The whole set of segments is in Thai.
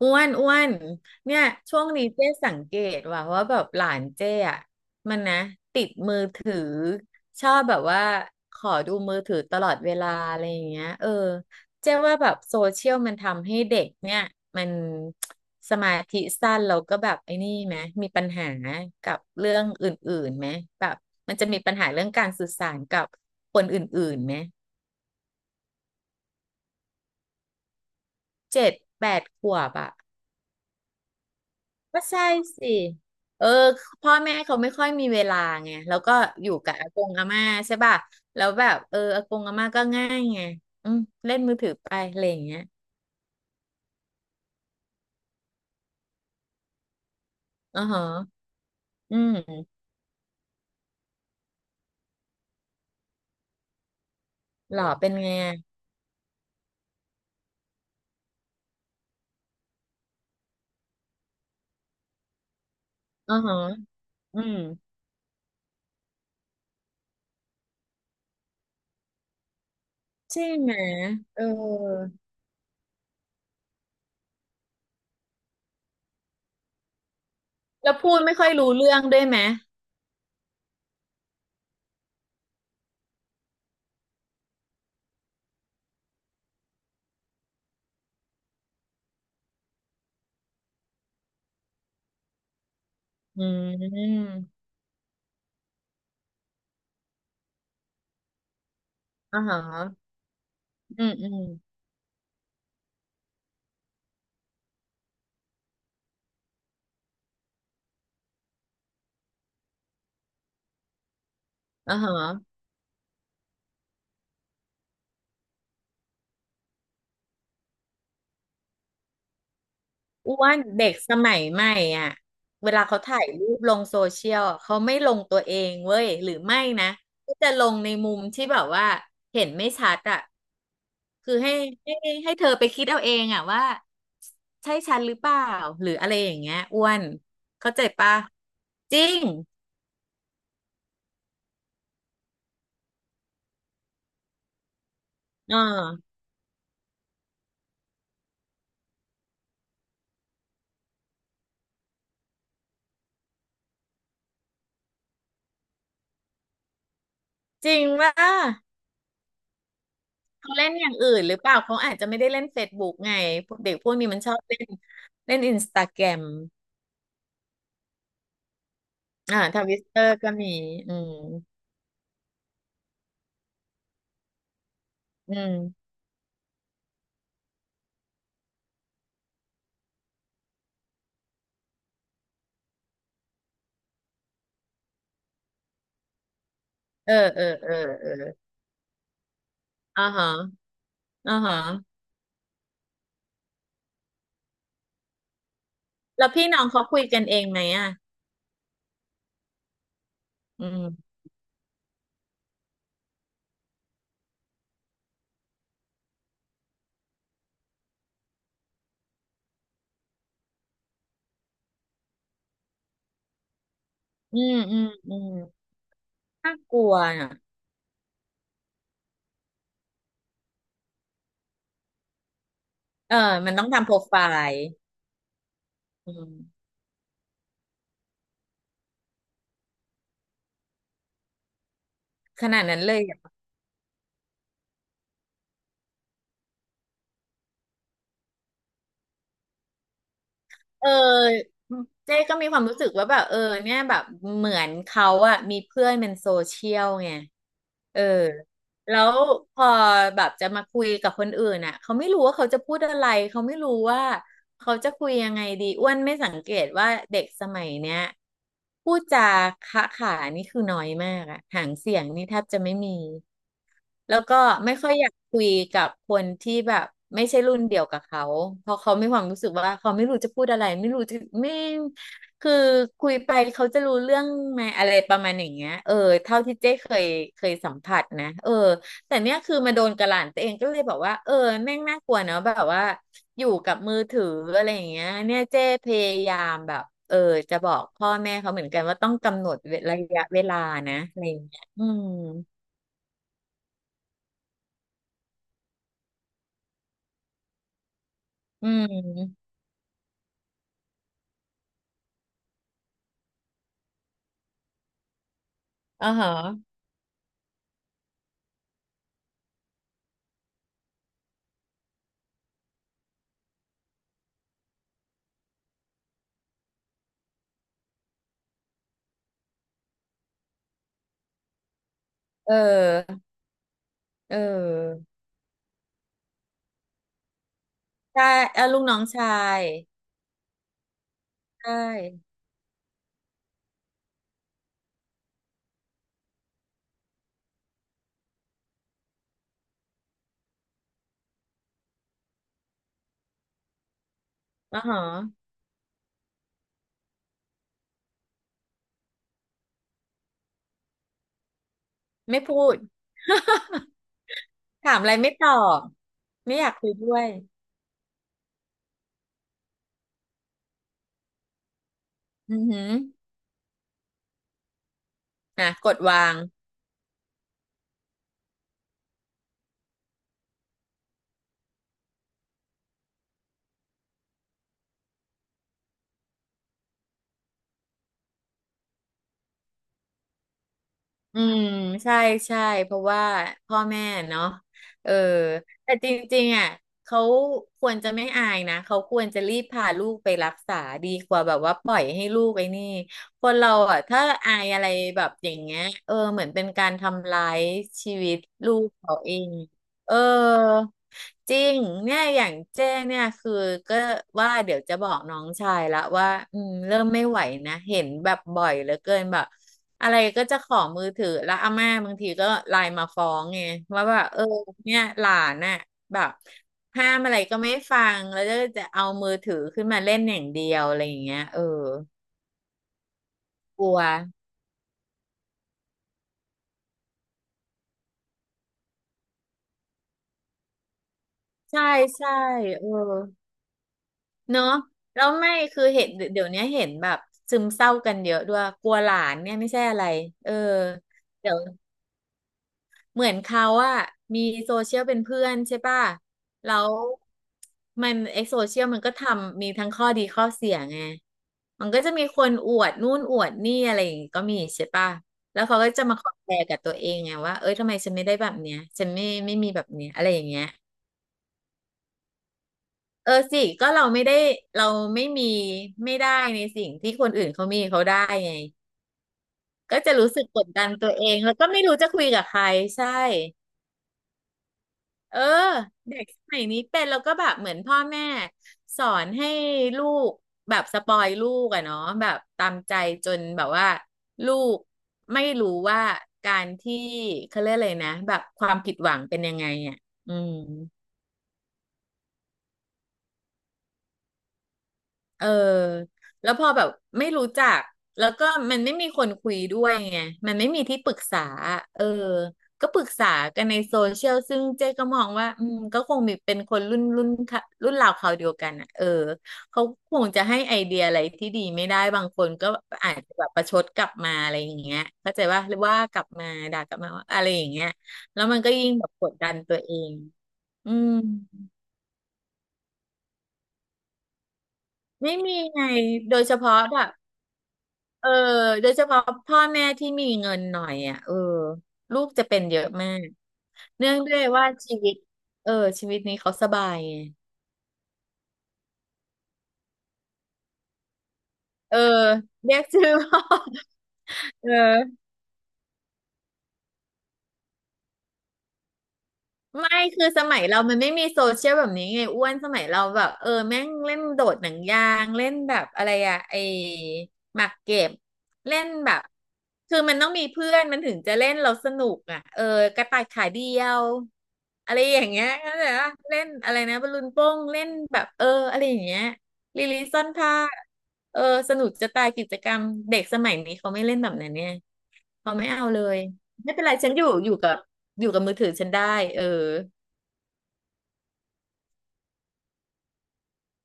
อ้วนอ้วนเนี่ยช่วงนี้เจ๊สังเกตว่าแบบหลานเจ๊อ่ะมันนะติดมือถือชอบแบบว่าขอดูมือถือตลอดเวลาอะไรอย่างเงี้ยเจ๊ว่าแบบโซเชียลมันทำให้เด็กเนี่ยมันสมาธิสั้นแล้วก็แบบไอ้นี่ไหมมีปัญหากับเรื่องอื่นๆไหมแบบมันจะมีปัญหาเรื่องการสื่อสารกับคนอื่นๆไหม7-8 ขวบอ่ะ ก็ใช่สิเออพ่อแม่เขาไม่ค่อยมีเวลาไงแล้วก็อยู่กับอากงอาม่าใช่ป่ะแล้วแบบอากงอาม่าก็ง่ายไงอืมเล่นมือถือไปอะไรอย่างเงี้ยอ๋อฮะอืมหล่อเป็นไงอะอ๋อฮะอืมใช่ไหมเออแล้วพูดไม่ค่อยรู้เรื่องด้วยไหมอืมอ๋อฮะอืมอืมอ๋อฮะ อ้วนเด็กสมัยใหม่อ่ะเวลาเขาถ่ายรูปลงโซเชียลอะเขาไม่ลงตัวเองเว้ยหรือไม่นะก็จะลงในมุมที่แบบว่าเห็นไม่ชัดอ่ะคือให้ให้เธอไปคิดเอาเองอ่ะว่าใช่ฉันหรือเปล่าหรืออะไรอย่างเงี้ยอ้วนเข้าใจปะจริงเออจริงว่าเขาเล่นอย่างอื่นหรือเปล่าเขาอาจจะไม่ได้เล่นเฟซบุ๊กไงพวกเด็กพวกนี้มันชอบเล่นเล่นอินสตาแกรม อ่าทวิสเตอร์ก็มีอืมอืมเออเออเออเอออ่าฮะอ่าฮะแล้วพี่น้องเขาคุยกันเองไหมอ่ะอืมอืมอืมอืมน่ากลัวน่ะเออมันต้องทำโปรไฟล์อืมขนาดนั้นเลย เออเจ๊ก็มีความรู้สึกว่าแบบเนี่ยแบบเหมือนเขาอะมีเพื่อนเป็นโซเชียลไงเออแล้วพอแบบจะมาคุยกับคนอื่นอะเขาไม่รู้ว่าเขาจะพูดอะไรเขาไม่รู้ว่าเขาจะคุยยังไงดีอ้วนไม่สังเกตว่าเด็กสมัยเนี้ยพูดจาขะขานี่คือน้อยมากอะหางเสียงนี่แทบจะไม่มี แล้วก็ไม่ค่อยอยากคุยกับคนที่แบบไม่ใช่รุ่นเดียวกับเขาเพราะเขามีความรู้สึกว่าเขาไม่รู้จะพูดอะไรไม่รู้จะไม่คือคุยไปเขาจะรู้เรื่องไหมอะไรประมาณอย่างเงี้ยเท่าที่เจ๊เคยสัมผัสนะแต่เนี้ยคือมาโดนกระหล่ำตัวเองก็เลยบอกว่าแม่งน่ากลัวเนอะแบบว่าอยู่กับมือถืออะไรอย่างเงี้ยเนี่ยเจ๊พยายามแบบจะบอกพ่อแม่เขาเหมือนกันว่าต้องกำหนดระยะเวลานะอะไรอย่างเงี้ยอืมอืม อ่าฮะเออ เออใช่เออลูกน้องชาย ใช่อ๋อฮะไม่พูด ถามอะไรไม่ตอบ ไม่อยากคุยด้วย อือหืออ่ะกดวาง อืมใช่ใช่เพราะว่าพ่อแม่เนาะเออแต่จริงๆอ่ะเขาควรจะไม่อายนะเขาควรจะรีบพาลูกไปรักษาดีกว่าแบบว่าปล่อยให้ลูกไอ้นี่คนเราอ่ะถ้าอายอะไรแบบอย่างเงี้ยเหมือนเป็นการทำร้ายชีวิตลูกเขาเอง เออจริงเนี่ยอย่างเจ้งเนี่ยคือก็ว่าเดี๋ยวจะบอกน้องชายละว่าอืมเริ่มไม่ไหวนะเห็นแบบบ่อยเหลือเกินแบบอะไรก็จะขอมือถือแล้วอาม่าบางทีก็ไลน์มาฟ้องไงว่าแบบเนี่ยหลานน่ะแบบห้ามอะไรก็ไม่ฟังแล้วก็จะเอามือถือขึ้นมาเล่นอย่างเดียวอะไรอย่างเงี้ยกลัวใช่ใช่เออ เนาะแล้วไม่คือเห็นเดี๋ยวเนี้ยเห็นแบบซึมเศร้ากันเยอะด้วยกลัวหลานเนี่ยไม่ใช่อะไรเออเดี๋ยวเหมือนเขาอะมีโซเชียลเป็นเพื่อนใช่ป่ะแล้วมันไอโซเชียลมันก็ทำมีทั้งข้อดีข้อเสียไงมันก็จะมีคนอวดนู่นอวดนี่อะไรอย่างงี้ก็มีใช่ป่ะแล้วเขาก็จะมาคอมแพร์กับตัวเองไงว่าเอ้ยทำไมฉันไม่ได้แบบเนี้ยฉันไม่มีแบบเนี้ยอะไรอย่างเงี้ย เออสิก็เราไม่ได้เราไม่มีไม่ได้ในสิ่งที่คนอื่นเขามีเขาได้ไงก็จะรู้สึกกดดันตัวเองแล้วก็ไม่รู้จะคุยกับใครใช่เออเด็กสมัยนี้เป็นแล้วก็แบบเหมือนพ่อแม่สอนให้ลูกแบบสปอยลูกอะเนาะแบบตามใจจนแบบว่าลูกไม่รู้ว่าการที่เขาเรียกอะไรนะแบบความผิดหวังเป็นยังไงอะอืม เออแล้วพอแบบไม่รู้จักแล้วก็มันไม่มีคนคุยด้วยไงมันไม่มีที่ปรึกษาเออก็ปรึกษากันในโซเชียลซึ่งเจ๊ก็มองว่าอืมก็คงมีเป็นคนรุ่นค่ะรุ่นราวคราวเดียวกันอ่ะเออเขาคงจะให้ไอเดียอะไรที่ดีไม่ได้บางคนก็อาจจะแบบประชดกลับมาอะไรอย่างเงี้ยเข้าใจว่าหรือว่ากลับมาด่ากลับมาว่าอะไรอย่างเงี้ยแล้วมันก็ยิ่งแบบกดดันตัวเองอืมไม่มีไงโดยเฉพาะแบบ เออโดยเฉพาะพ่อแม่ที่มีเงินหน่อยอ่ะเออลูกจะเป็นเยอะมากเนื่องด้วยว่าชีวิตเออชีวิตนี้เขาสบายไงเออเรียกชื่อพ่อ เออ ไม่คือสมัยเรามันไม่มีโซเชียลแบบนี้ไงอ้วนสมัยเราแบบเออแม่งเล่นโดดหนังยางเล่นแบบอะไรอะไอหมากเก็บเล่นแบบคือมันต้องมีเพื่อนมันถึงจะเล่นเราสนุกอ่ะเออกระต่ายขาเดียวอะไรอย่างเงี้ยเข้าใจปะเล่นอะไรนะบอลลูนโป้งเล่นแบบเอออะไรอย่างเงี้ยลิลิซ่อนผ้าเออสนุกจะตายกิจกรรมเด็กสมัยนี้เขาไม่เล่นแบบนั้นเนี่ยเขาไม่เอาเลยไม่เป็นไรฉันอยู่กับมือถือฉันได้เออ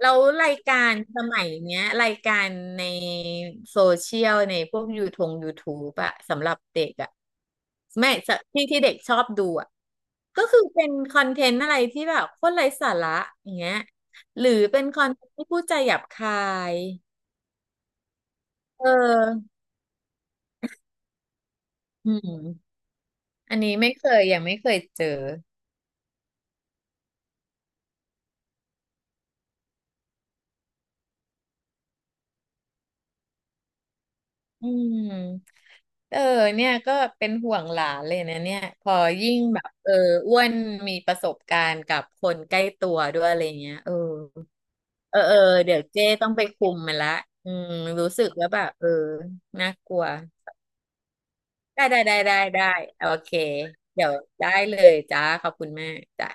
แล้วรายการสมัยเนี้ยรายการในโซเชียลในพวกยูทงยูทู e อะสำหรับเด็กอะแม่สะที่เด็กชอบดูอะก็คือเป็นคอนเทนต์อะไรที่แบบโคตรไร้สาระอย่างเงี้ยหรือเป็นคอนเทนต์ที่พูดจาหยาบคายเอออืมอันนี้ไม่เคยยังไม่เคยเจอ อืมเออเนี่ยก็เป็นห่วงหลานเลยนะเนี่ยพอยิ่งแบบเอออ้วนมีประสบการณ์กับคนใกล้ตัวด้วยอะไรเงี้ยเออเดี๋ยวเจ้ต้องไปคุมมันละอืมรู้สึกว่าแบบเออน่ากลัวได้โอเคเดี๋ยวได้เลยจ้าขอบคุณมากจ้ะ